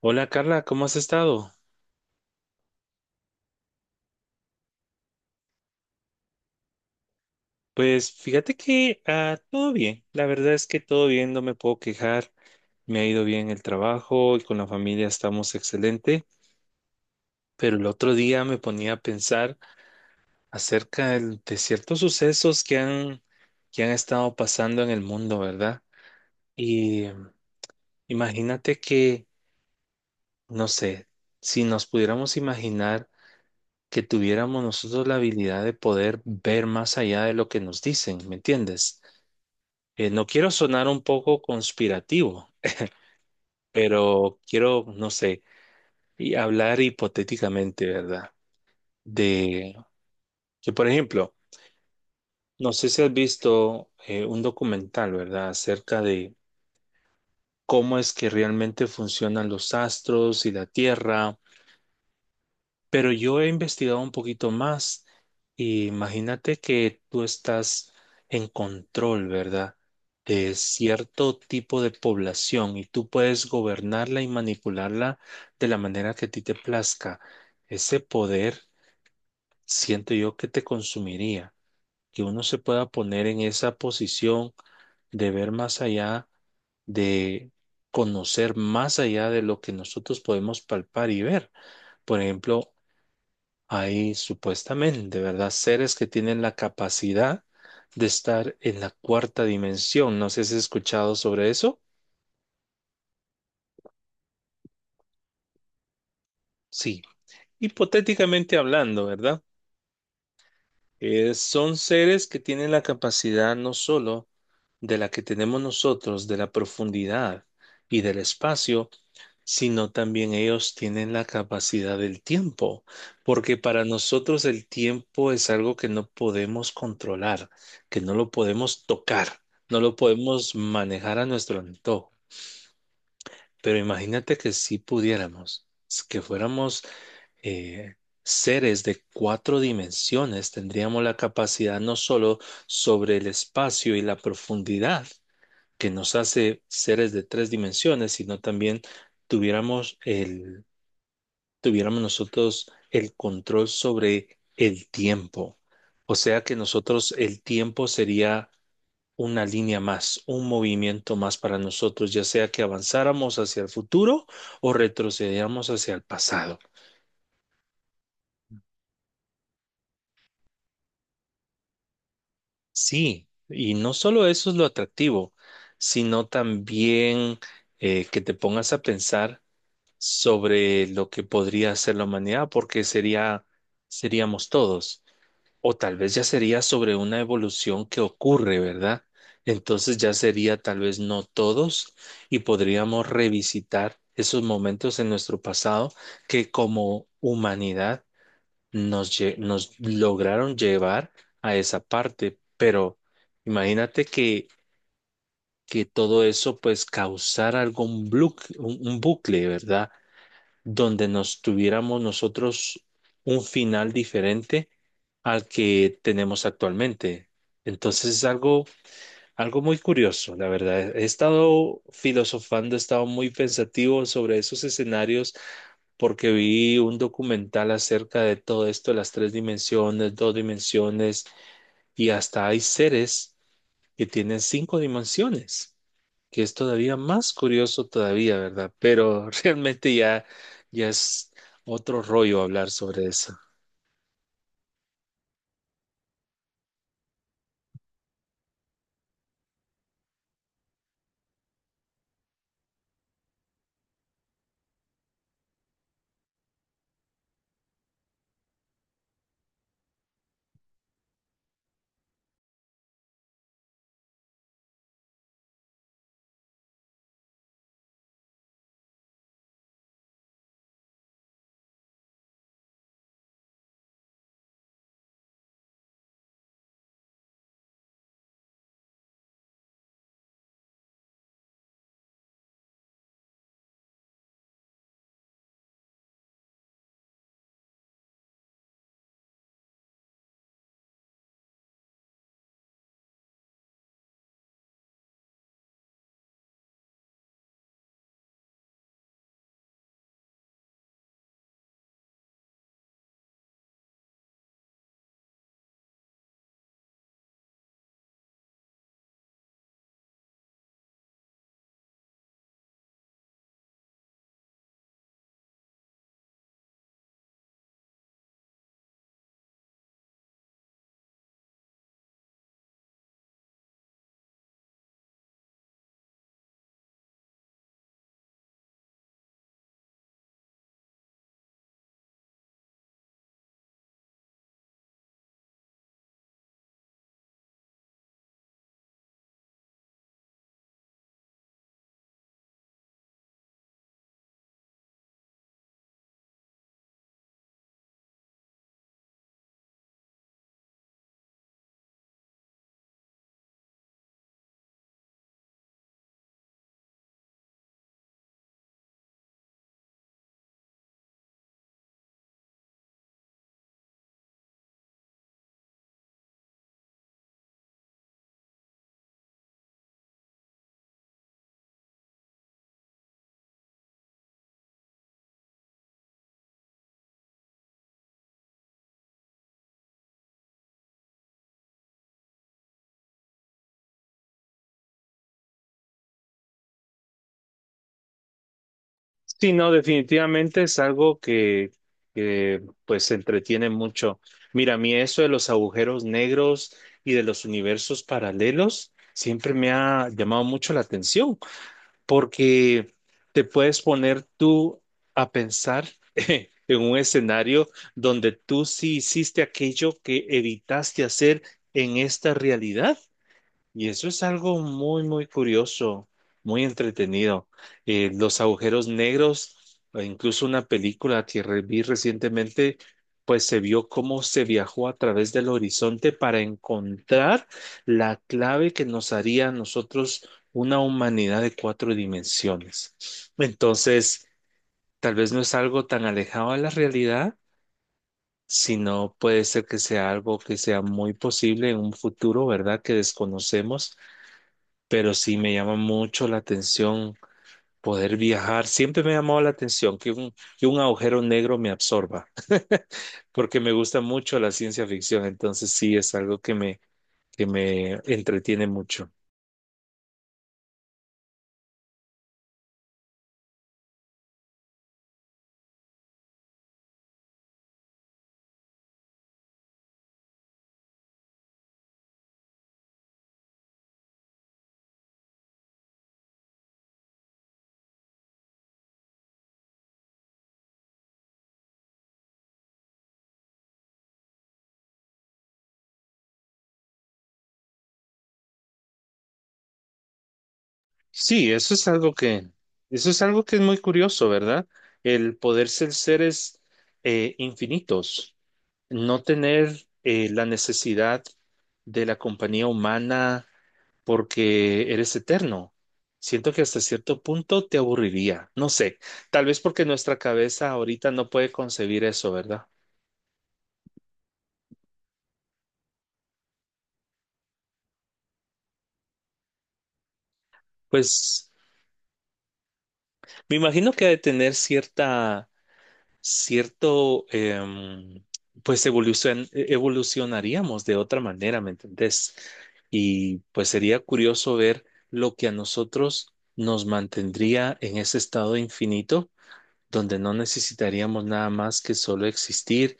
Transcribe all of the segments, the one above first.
Hola Carla, ¿cómo has estado? Pues fíjate que todo bien, la verdad es que todo bien, no me puedo quejar, me ha ido bien el trabajo y con la familia estamos excelente, pero el otro día me ponía a pensar acerca de ciertos sucesos que han estado pasando en el mundo, ¿verdad? Y eh, imagínate que, no sé, si nos pudiéramos imaginar que tuviéramos nosotros la habilidad de poder ver más allá de lo que nos dicen, ¿me entiendes? No quiero sonar un poco conspirativo, pero quiero, no sé, y hablar hipotéticamente, ¿verdad? De que, por ejemplo, no sé si has visto un documental, ¿verdad? Acerca de cómo es que realmente funcionan los astros y la Tierra. Pero yo he investigado un poquito más y imagínate que tú estás en control, ¿verdad? De cierto tipo de población y tú puedes gobernarla y manipularla de la manera que a ti te plazca. Ese poder siento yo que te consumiría, que uno se pueda poner en esa posición de ver más allá, de conocer más allá de lo que nosotros podemos palpar y ver. Por ejemplo, hay supuestamente, ¿verdad? Seres que tienen la capacidad de estar en la cuarta dimensión. No sé si has escuchado sobre eso. Sí, hipotéticamente hablando, ¿verdad? Son seres que tienen la capacidad no solo de la que tenemos nosotros, de la profundidad y del espacio, sino también ellos tienen la capacidad del tiempo, porque para nosotros el tiempo es algo que no podemos controlar, que no lo podemos tocar, no lo podemos manejar a nuestro antojo. Pero imagínate que si pudiéramos, que fuéramos eh, seres de cuatro dimensiones, tendríamos la capacidad no solo sobre el espacio y la profundidad que nos hace seres de tres dimensiones, sino también tuviéramos el tuviéramos nosotros el control sobre el tiempo. O sea que nosotros el tiempo sería una línea más, un movimiento más para nosotros, ya sea que avanzáramos hacia el futuro o retrocediéramos hacia el pasado. Sí, y no solo eso es lo atractivo, sino también que te pongas a pensar sobre lo que podría hacer la humanidad, porque sería, seríamos todos. O tal vez ya sería sobre una evolución que ocurre, ¿verdad? Entonces ya sería tal vez no todos y podríamos revisitar esos momentos en nuestro pasado que como humanidad nos lograron llevar a esa parte. Pero imagínate que todo eso pues causara algún un bucle, ¿verdad? Donde nos tuviéramos nosotros un final diferente al que tenemos actualmente. Entonces es algo, algo muy curioso, la verdad. He estado filosofando, he estado muy pensativo sobre esos escenarios porque vi un documental acerca de todo esto, las tres dimensiones, dos dimensiones, y hasta hay seres que tiene cinco dimensiones, que es todavía más curioso todavía, ¿verdad? Pero realmente ya, ya es otro rollo hablar sobre eso. Sí, no, definitivamente es algo que pues entretiene mucho. Mira, a mí eso de los agujeros negros y de los universos paralelos siempre me ha llamado mucho la atención, porque te puedes poner tú a pensar en un escenario donde tú sí hiciste aquello que evitaste hacer en esta realidad. Y eso es algo muy, muy curioso, muy entretenido. Los agujeros negros, e incluso una película que vi recientemente, pues se vio cómo se viajó a través del horizonte para encontrar la clave que nos haría a nosotros una humanidad de cuatro dimensiones. Entonces, tal vez no es algo tan alejado de la realidad, sino puede ser que sea algo que sea muy posible en un futuro, ¿verdad? Que desconocemos, pero sí me llama mucho la atención poder viajar. Siempre me ha llamado la atención que que un agujero negro me absorba, porque me gusta mucho la ciencia ficción, entonces sí es algo que me entretiene mucho. Sí, eso es algo que, eso es algo que es muy curioso, ¿verdad? El poder ser seres infinitos, no tener la necesidad de la compañía humana porque eres eterno. Siento que hasta cierto punto te aburriría. No sé, tal vez porque nuestra cabeza ahorita no puede concebir eso, ¿verdad? Pues me imagino que ha de tener cierta, cierto, pues evolucionaríamos de otra manera, ¿me entendés? Y pues sería curioso ver lo que a nosotros nos mantendría en ese estado infinito donde no necesitaríamos nada más que solo existir,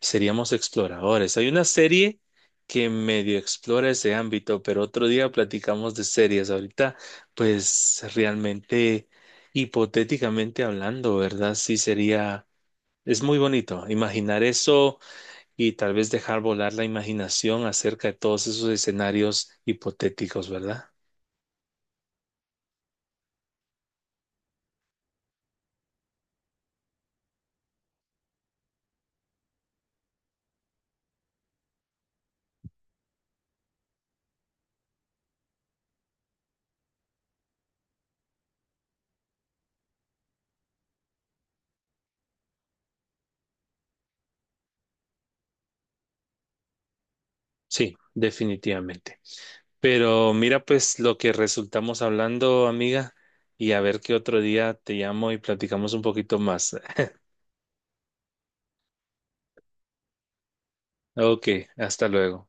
seríamos exploradores. Hay una serie que medio explora ese ámbito, pero otro día platicamos de series. Ahorita, pues realmente, hipotéticamente hablando, ¿verdad? Sí sería, es muy bonito imaginar eso y tal vez dejar volar la imaginación acerca de todos esos escenarios hipotéticos, ¿verdad? Sí, definitivamente. Pero mira pues lo que resultamos hablando, amiga, y a ver qué otro día te llamo y platicamos un poquito más. Ok, hasta luego.